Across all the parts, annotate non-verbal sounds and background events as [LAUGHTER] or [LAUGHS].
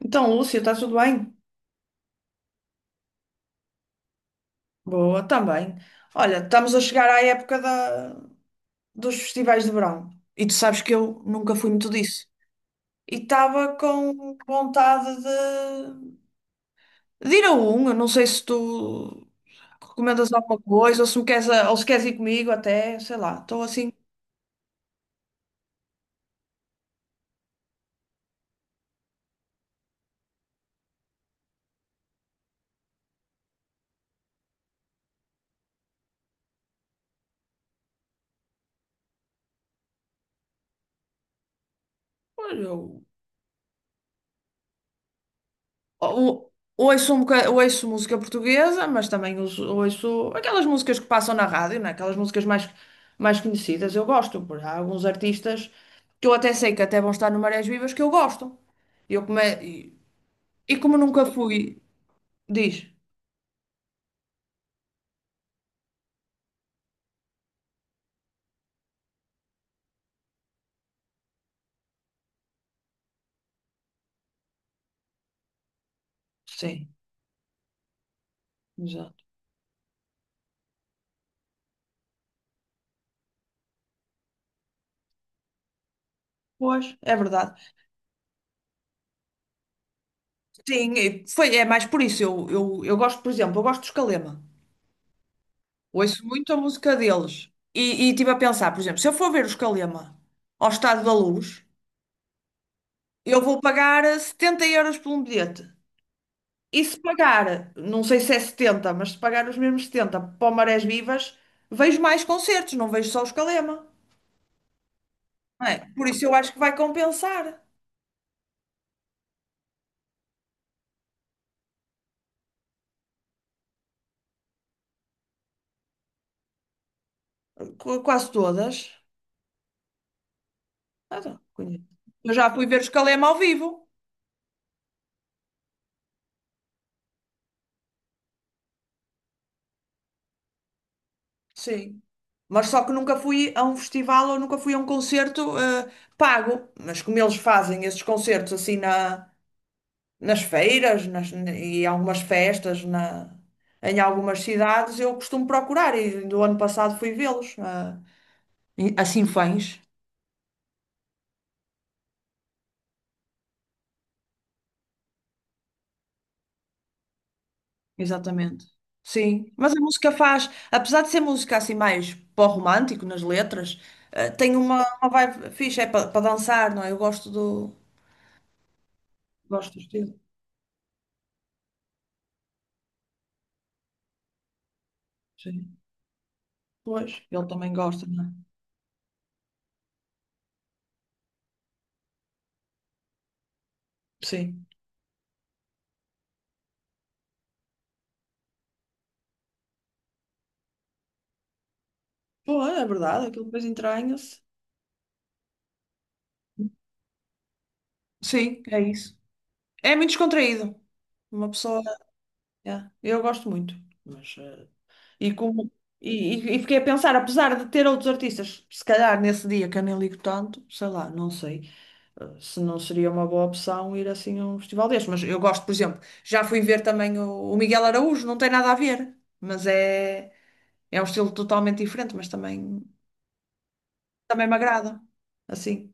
Então, Lúcia, está tudo bem? Boa, também. Olha, estamos a chegar à dos festivais de verão. E tu sabes que eu nunca fui muito disso. E estava com vontade de ir a um. Eu não sei se tu recomendas alguma coisa ou se me queres, ou se queres ir comigo até, sei lá. Estou assim. Eu O- Ouço, ouço música portuguesa, mas também ouço aquelas músicas que passam na rádio, né? Aquelas músicas mais conhecidas. Eu gosto, porque há alguns artistas que eu até sei que até vão estar no Marés Vivas que eu gosto. E como nunca fui, diz. Sim, exato. Pois, é verdade. Sim, e é mais por isso. Eu gosto, por exemplo, eu gosto dos Calema. Ouço muito a música deles. E estive a pensar, por exemplo, se eu for ver os Calema ao Estádio da Luz. Eu vou pagar 70 euros por um bilhete. E se pagar, não sei se é 70, mas se pagar os mesmos 70, para o Marés Vivas, vejo mais concertos, não vejo só os Calema. Não é? Por isso eu acho que vai compensar. Quase todas. Ah, tá, conheço. Eu já fui ver os Calema ao vivo, sim. Mas só que nunca fui a um festival ou nunca fui a um concerto pago. Mas como eles fazem esses concertos assim, nas feiras e algumas festas em algumas cidades, eu costumo procurar e do ano passado fui vê-los, ah, assim fãs, exatamente. Sim, mas a música faz, apesar de ser música assim mais pó-romântico nas letras, ah, tem uma vibe fixe, é para dançar, não é? Gosto do estilo, sim. Pois, ele também gosta, não é? Sim. Pô, é verdade, aquilo depois entranha-se. Sim, é isso. É muito descontraído. Uma pessoa. Yeah, eu gosto muito. Mas, e, e- e fiquei a pensar, apesar de ter outros artistas, se calhar nesse dia que eu nem ligo tanto, sei lá, não sei, se não seria uma boa opção ir assim a um festival deste. Mas eu gosto, por exemplo, já fui ver também o Miguel Araújo, não tem nada a ver, mas é um estilo totalmente diferente, mas também, também me agrada. Assim.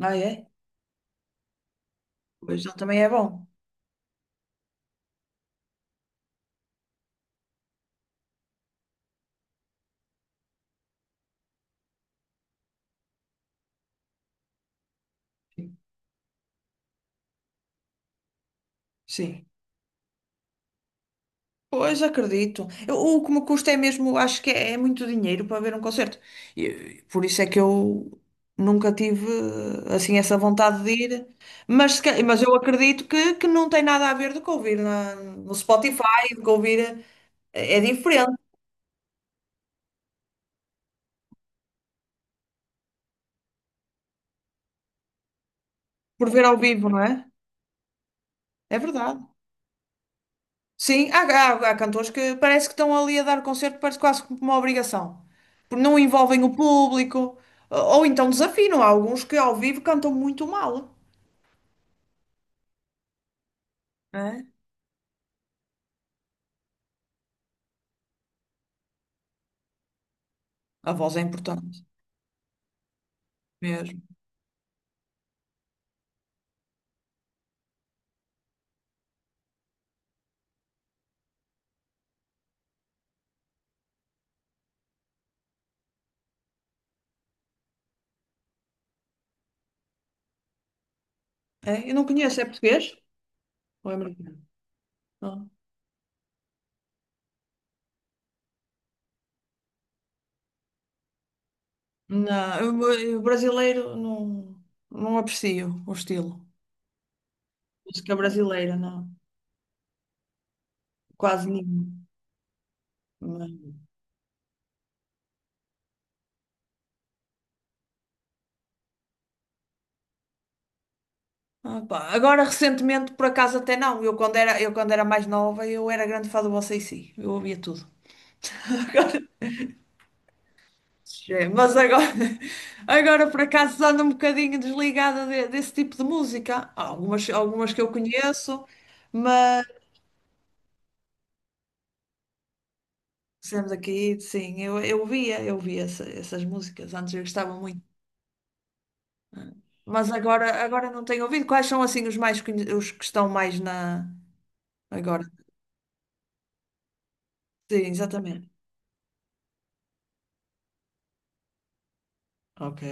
Ah, é? Pois ele também é bom. Sim. Pois acredito. O que me custa é mesmo, acho que é muito dinheiro para ver um concerto. E, por isso é que eu nunca tive assim essa vontade de ir. Mas, se ca- mas eu acredito que não tem nada a ver do que ouvir no Spotify, do que ouvir. É, é diferente por ver ao vivo, não é? É verdade. Sim, há cantores que parece que estão ali a dar concerto, parece quase como uma obrigação. Porque não envolvem o público, ou então desafinam. Há alguns que ao vivo cantam muito mal. É? A voz é importante, mesmo. É, eu não conheço, é português ou é americano? Não, eu brasileiro não, não aprecio o estilo. Música brasileira, não. Quase nenhum. Mas- Ah, pá, agora, recentemente, por acaso, até não. Eu, quando era mais nova, eu era grande fã do Você e dc. Eu ouvia tudo. [LAUGHS] Agora, é, agora, por acaso, ando um bocadinho desligada desse tipo de música. Há algumas, algumas que eu conheço. Fizemos aqui, sim, eu via essas músicas, antes eu gostava muito. Né? Mas agora, agora não tenho ouvido. Quais são assim os mais os que estão mais na agora? Sim, exatamente. Ok.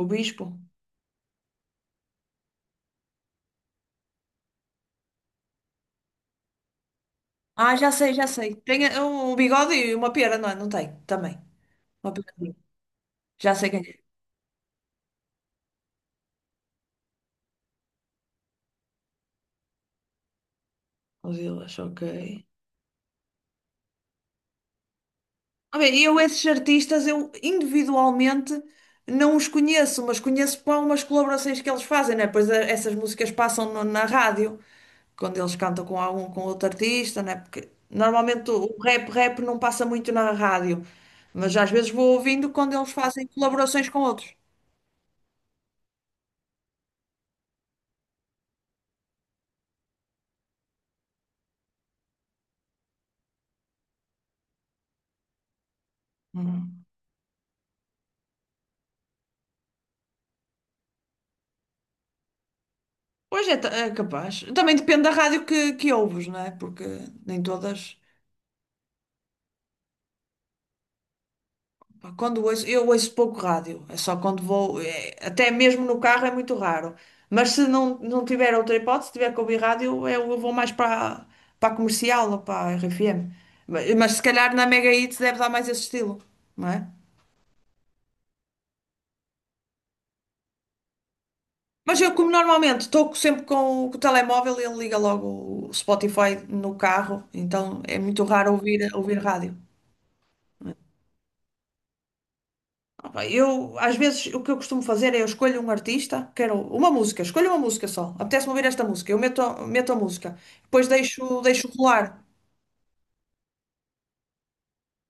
O Bispo. Ah, já sei, já sei. Tem um bigode e uma pera, não é? Não tem, também. Uma pera. Já sei quem é. Os Ilhas, ok. Ah, bem, eu, esses artistas, eu individualmente não os conheço, mas conheço para umas colaborações que eles fazem, né? Pois essas músicas passam na rádio, quando eles cantam com algum, com outro artista, né? Porque normalmente o rap, rap não passa muito na rádio, mas às vezes vou ouvindo quando eles fazem colaborações com outros. Hum. Pois é, é capaz. Também depende da rádio que ouves, né? Porque nem todas. Pá, quando ouço, eu ouço pouco rádio, é só quando vou, é, até mesmo no carro é muito raro. Mas se não, não tiver outra hipótese, tiver que ouvir rádio, eu vou mais para a comercial ou para a RFM. Mas se calhar na Mega Hits deve dar mais esse estilo, não é? Mas eu, como normalmente estou sempre com com o telemóvel, ele liga logo o Spotify no carro, então é muito raro ouvir, ouvir rádio. Opa, eu, às vezes, o que eu costumo fazer é eu escolho um artista, quero uma música, escolho uma música só. Apetece-me ouvir esta música, eu meto, meto a música. Depois deixo, deixo rolar.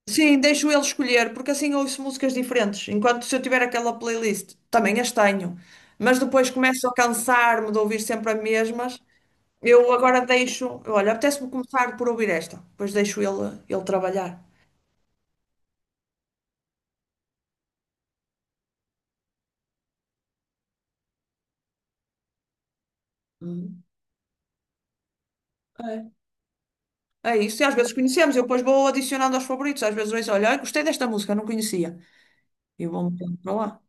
Sim, deixo ele escolher, porque assim eu ouço músicas diferentes. Enquanto se eu tiver aquela playlist, também as tenho. Mas depois começo a cansar-me de ouvir sempre as mesmas. Eu agora deixo, olha, apetece-me começar por ouvir esta, depois deixo ele trabalhar. Hum, é. É isso, e às vezes conhecemos, eu depois vou adicionando aos favoritos, às vezes vejo, olha, olha, gostei desta música, não conhecia. E vamos para lá.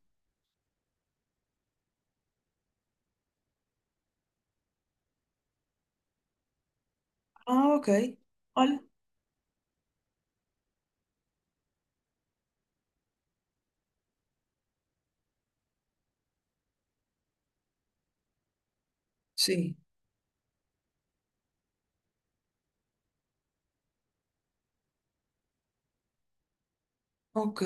Ah, ok. Olha, sim, ok.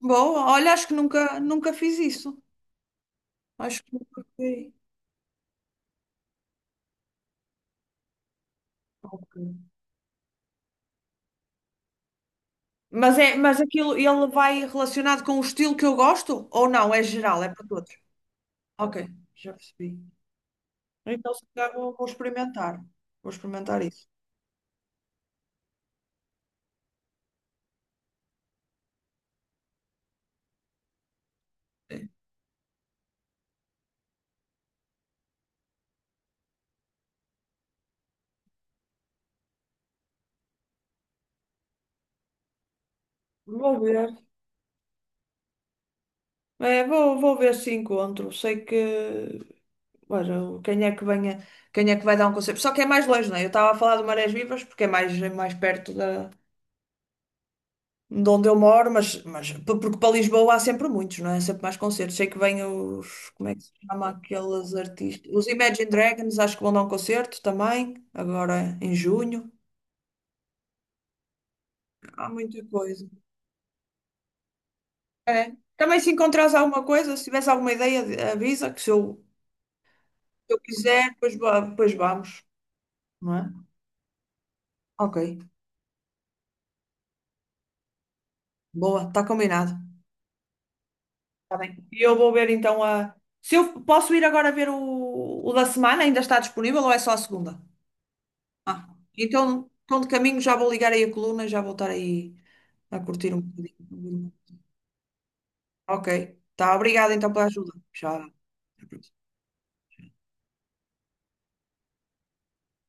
Boa, olha, acho que nunca, nunca fiz isso. Acho que nunca fui. Ok. Mas, é, mas aquilo, ele vai relacionado com o estilo que eu gosto? Ou não? É geral, é para todos. Ok, já percebi. Então, se calhar vou, vou experimentar. Vou experimentar isso. Sim. Vou ver. É, vou, vou ver se encontro. Sei que. Ora, quem é que venha, quem é que vai dar um concerto? Só que é mais longe, não é? Eu estava a falar do Marés Vivas porque é mais perto de onde eu moro, mas, mas porque para Lisboa há sempre muitos, não é? Há sempre mais concertos. Sei que vêm os, como é que se chama aqueles artistas? Os Imagine Dragons, acho que vão dar um concerto também, agora em junho. Há muita coisa. É. Também se encontrares alguma coisa, se tiveres alguma ideia, avisa que se eu quiser, depois, depois vamos, não é? Ok, boa, está combinado. Tá bem. E eu vou ver então a. Se eu posso ir agora ver o da semana, ainda está disponível ou é só a segunda? Ah, então, então de caminho já vou ligar aí a coluna e já vou estar aí a curtir um bocadinho. Ok. Tá, obrigada então pela ajuda. Tchau. Até a próxima.